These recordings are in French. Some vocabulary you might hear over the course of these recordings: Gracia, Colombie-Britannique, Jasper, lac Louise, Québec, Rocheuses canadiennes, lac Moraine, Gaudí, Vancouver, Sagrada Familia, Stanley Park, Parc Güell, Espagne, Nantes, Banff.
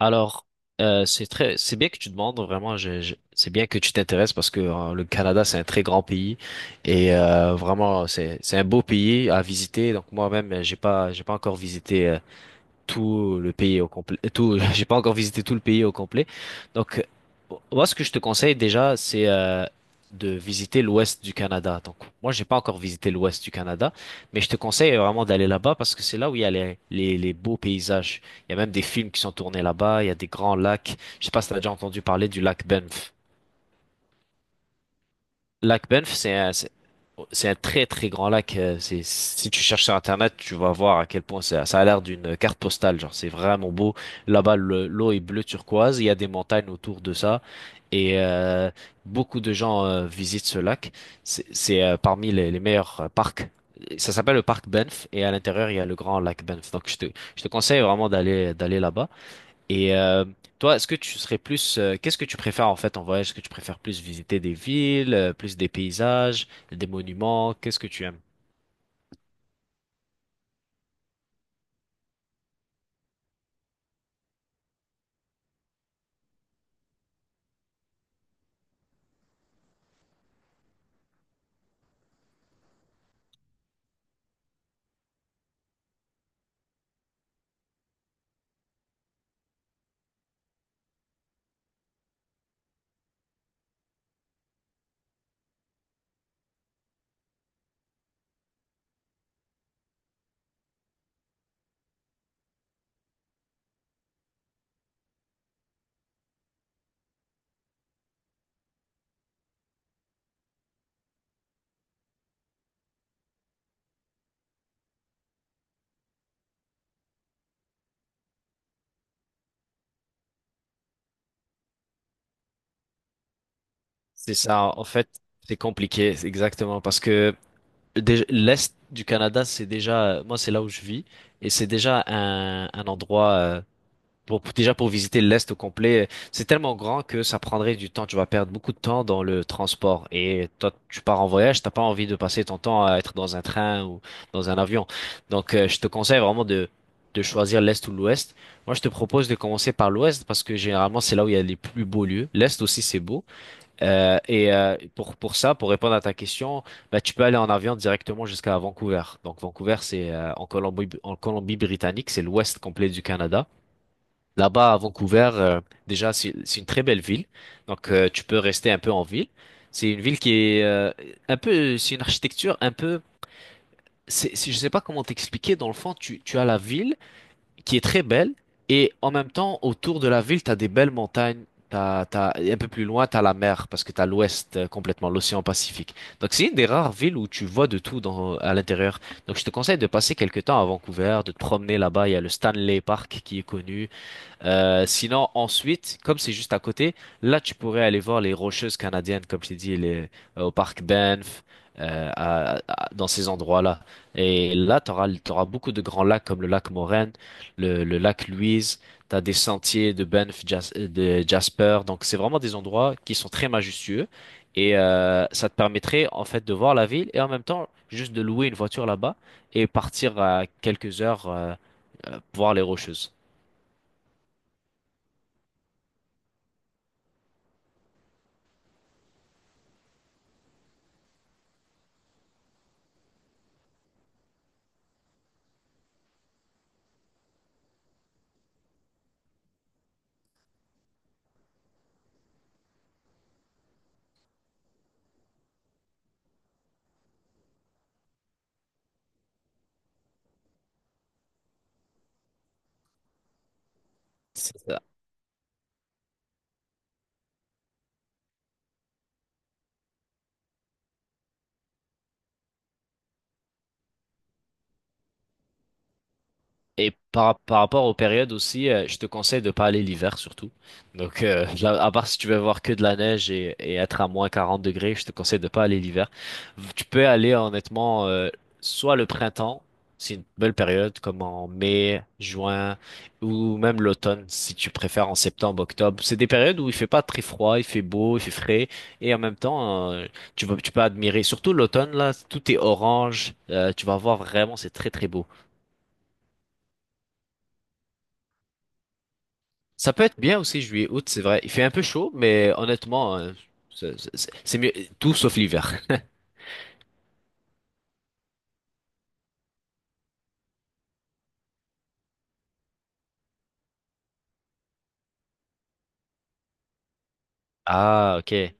Alors, c'est très, c'est bien que tu demandes vraiment. C'est bien que tu t'intéresses parce que le Canada c'est un très grand pays et vraiment c'est un beau pays à visiter. Donc moi-même j'ai pas encore visité tout le pays au complet. Tout, j'ai pas encore visité tout le pays au complet. Donc, moi, ce que je te conseille déjà, c'est de visiter l'ouest du Canada. Donc, moi, j'ai pas encore visité l'ouest du Canada, mais je te conseille vraiment d'aller là-bas parce que c'est là où il y a les beaux paysages. Il y a même des films qui sont tournés là-bas. Il y a des grands lacs. Je sais pas si t'as déjà entendu parler du lac Banff. Lac Banff, c'est un, c'est un très très grand lac. C'est, si tu cherches sur Internet, tu vas voir à quel point ça, ça a l'air d'une carte postale. Genre, c'est vraiment beau. Là-bas, l'eau est bleu turquoise. Il y a des montagnes autour de ça. Et beaucoup de gens visitent ce lac. C'est parmi les meilleurs parcs. Ça s'appelle le parc Banff. Et à l'intérieur, il y a le grand lac Banff. Donc, je te conseille vraiment d'aller là-bas. Et toi, est-ce que tu serais plus, qu'est-ce que tu préfères en fait en voyage? Est-ce que tu préfères plus visiter des villes, plus des paysages, des monuments? Qu'est-ce que tu aimes? C'est ça, en fait, c'est compliqué, c'est exactement, parce que l'Est du Canada, c'est déjà, moi, c'est là où je vis, et c'est déjà un endroit pour, déjà pour visiter l'Est au complet, c'est tellement grand que ça prendrait du temps. Tu vas perdre beaucoup de temps dans le transport. Et toi, tu pars en voyage, t'as pas envie de passer ton temps à être dans un train ou dans un avion. Donc, je te conseille vraiment de choisir l'Est ou l'Ouest. Moi, je te propose de commencer par l'Ouest parce que généralement, c'est là où il y a les plus beaux lieux. L'Est aussi, c'est beau. Et pour ça, pour répondre à ta question, bah, tu peux aller en avion directement jusqu'à Vancouver. Donc, Vancouver, c'est en Colombie, en Colombie-Britannique, c'est l'Ouest complet du Canada. Là-bas, à Vancouver, déjà, c'est une très belle ville. Donc, tu peux rester un peu en ville. C'est une ville qui est un peu, c'est une architecture un peu, c'est, je sais pas comment t'expliquer. Dans le fond, tu as la ville qui est très belle et en même temps, autour de la ville, tu as des belles montagnes. Et un peu plus loin, tu as la mer parce que tu as l'ouest complètement, l'océan Pacifique. Donc, c'est une des rares villes où tu vois de tout dans, à l'intérieur. Donc, je te conseille de passer quelques temps à Vancouver, de te promener là-bas. Il y a le Stanley Park qui est connu. Sinon, ensuite, comme c'est juste à côté, là, tu pourrais aller voir les Rocheuses canadiennes, comme je t'ai dit, les, au parc Banff, dans ces endroits-là. Et là, tu auras beaucoup de grands lacs comme le lac Moraine, le lac Louise, tu as des sentiers de Banff, de Jasper. Donc, c'est vraiment des endroits qui sont très majestueux. Et ça te permettrait, en fait, de voir la ville et en même temps, juste de louer une voiture là-bas et partir à quelques heures voir les Rocheuses. Et par, par rapport aux périodes aussi, je te conseille de pas aller l'hiver surtout. Donc, là, à part si tu veux voir que de la neige et être à moins 40 degrés, je te conseille de pas aller l'hiver. Tu peux aller honnêtement, soit le printemps, c'est une belle période, comme en mai, juin, ou même l'automne, si tu préfères en septembre, octobre. C'est des périodes où il fait pas très froid, il fait beau, il fait frais, et en même temps, tu vas, tu peux admirer, surtout l'automne, là, tout est orange, tu vas voir vraiment, c'est très très beau. Ça peut être bien aussi juillet, août, c'est vrai. Il fait un peu chaud, mais honnêtement, c'est c'est mieux tout sauf l'hiver. Ah, ok.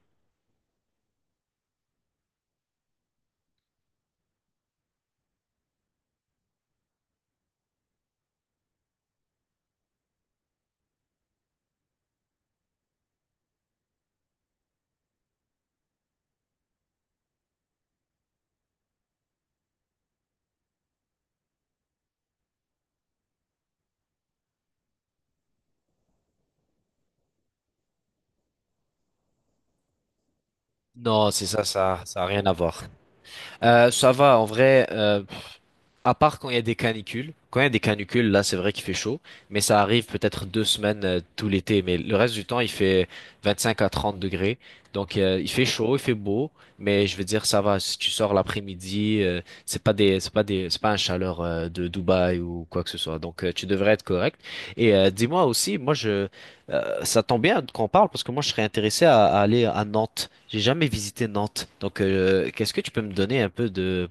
Non, c'est ça, ça a rien à voir. Ça va, en vrai. À part quand il y a des canicules. Quand il y a des canicules, là, c'est vrai qu'il fait chaud, mais ça arrive peut-être deux semaines tout l'été. Mais le reste du temps, il fait 25 à 30 degrés. Donc, il fait chaud, il fait beau, mais je veux dire, ça va. Si tu sors l'après-midi, c'est pas un chaleur de Dubaï ou quoi que ce soit. Donc, tu devrais être correct. Et dis-moi aussi, moi, je, ça tombe bien qu'on parle parce que moi, je serais intéressé à aller à Nantes. J'ai jamais visité Nantes. Donc, qu'est-ce que tu peux me donner un peu de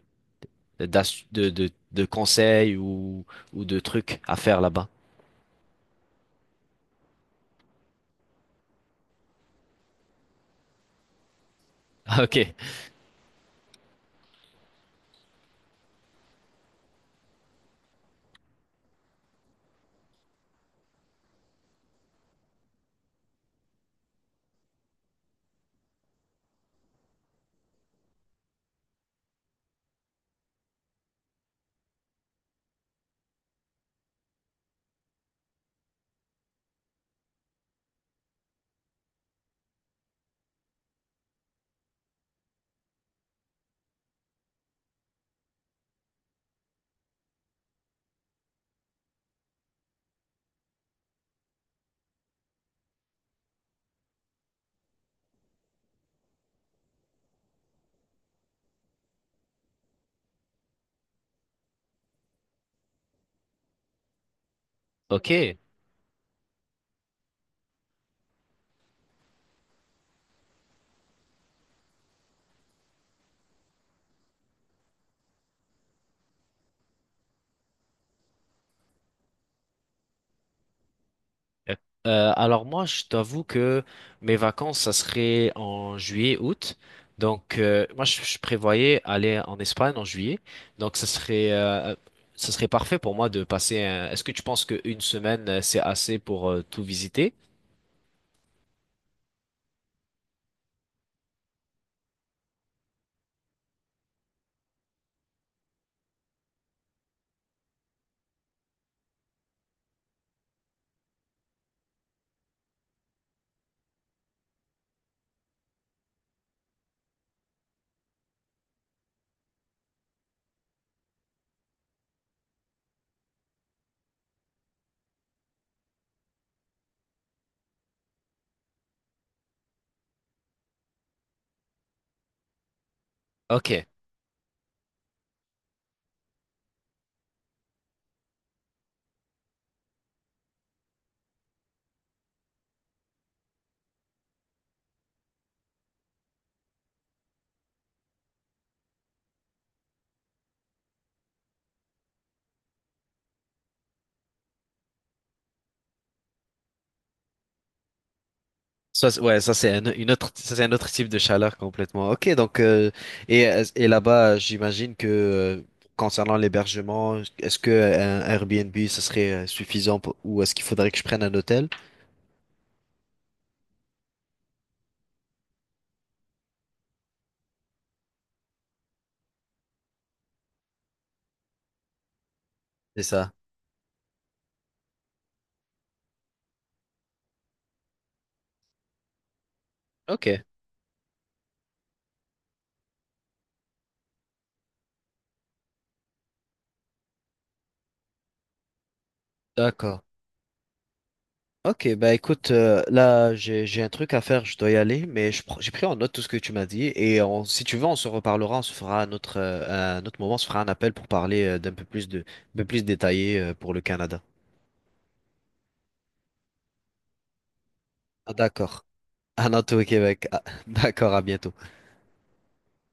de conseils ou de trucs à faire là-bas. ok, ok. Euh, alors moi, je t'avoue que mes vacances, ça serait en juillet, août. Donc moi, je prévoyais aller en Espagne en juillet. Donc ça serait parfait pour moi de passer. Est-ce que tu penses qu'une semaine, c'est assez pour tout visiter? Ok. Ça, ouais, ça c'est un, une autre, ça, c'est un autre type de chaleur complètement. Ok, donc et, et là-bas, j'imagine que concernant l'hébergement, est-ce que un Airbnb ce serait suffisant ou est-ce qu'il faudrait que je prenne un hôtel? C'est ça. Ok, d'accord. Ok, bah écoute, là j'ai un truc à faire, je dois y aller, mais j'ai pris en note tout ce que tu m'as dit et si tu veux, on se reparlera, on se fera un autre moment, on se fera un appel pour parler d'un peu plus de, un peu plus détaillé pour le Canada. Ah, d'accord. À bientôt au Québec. Ah, d'accord, à bientôt.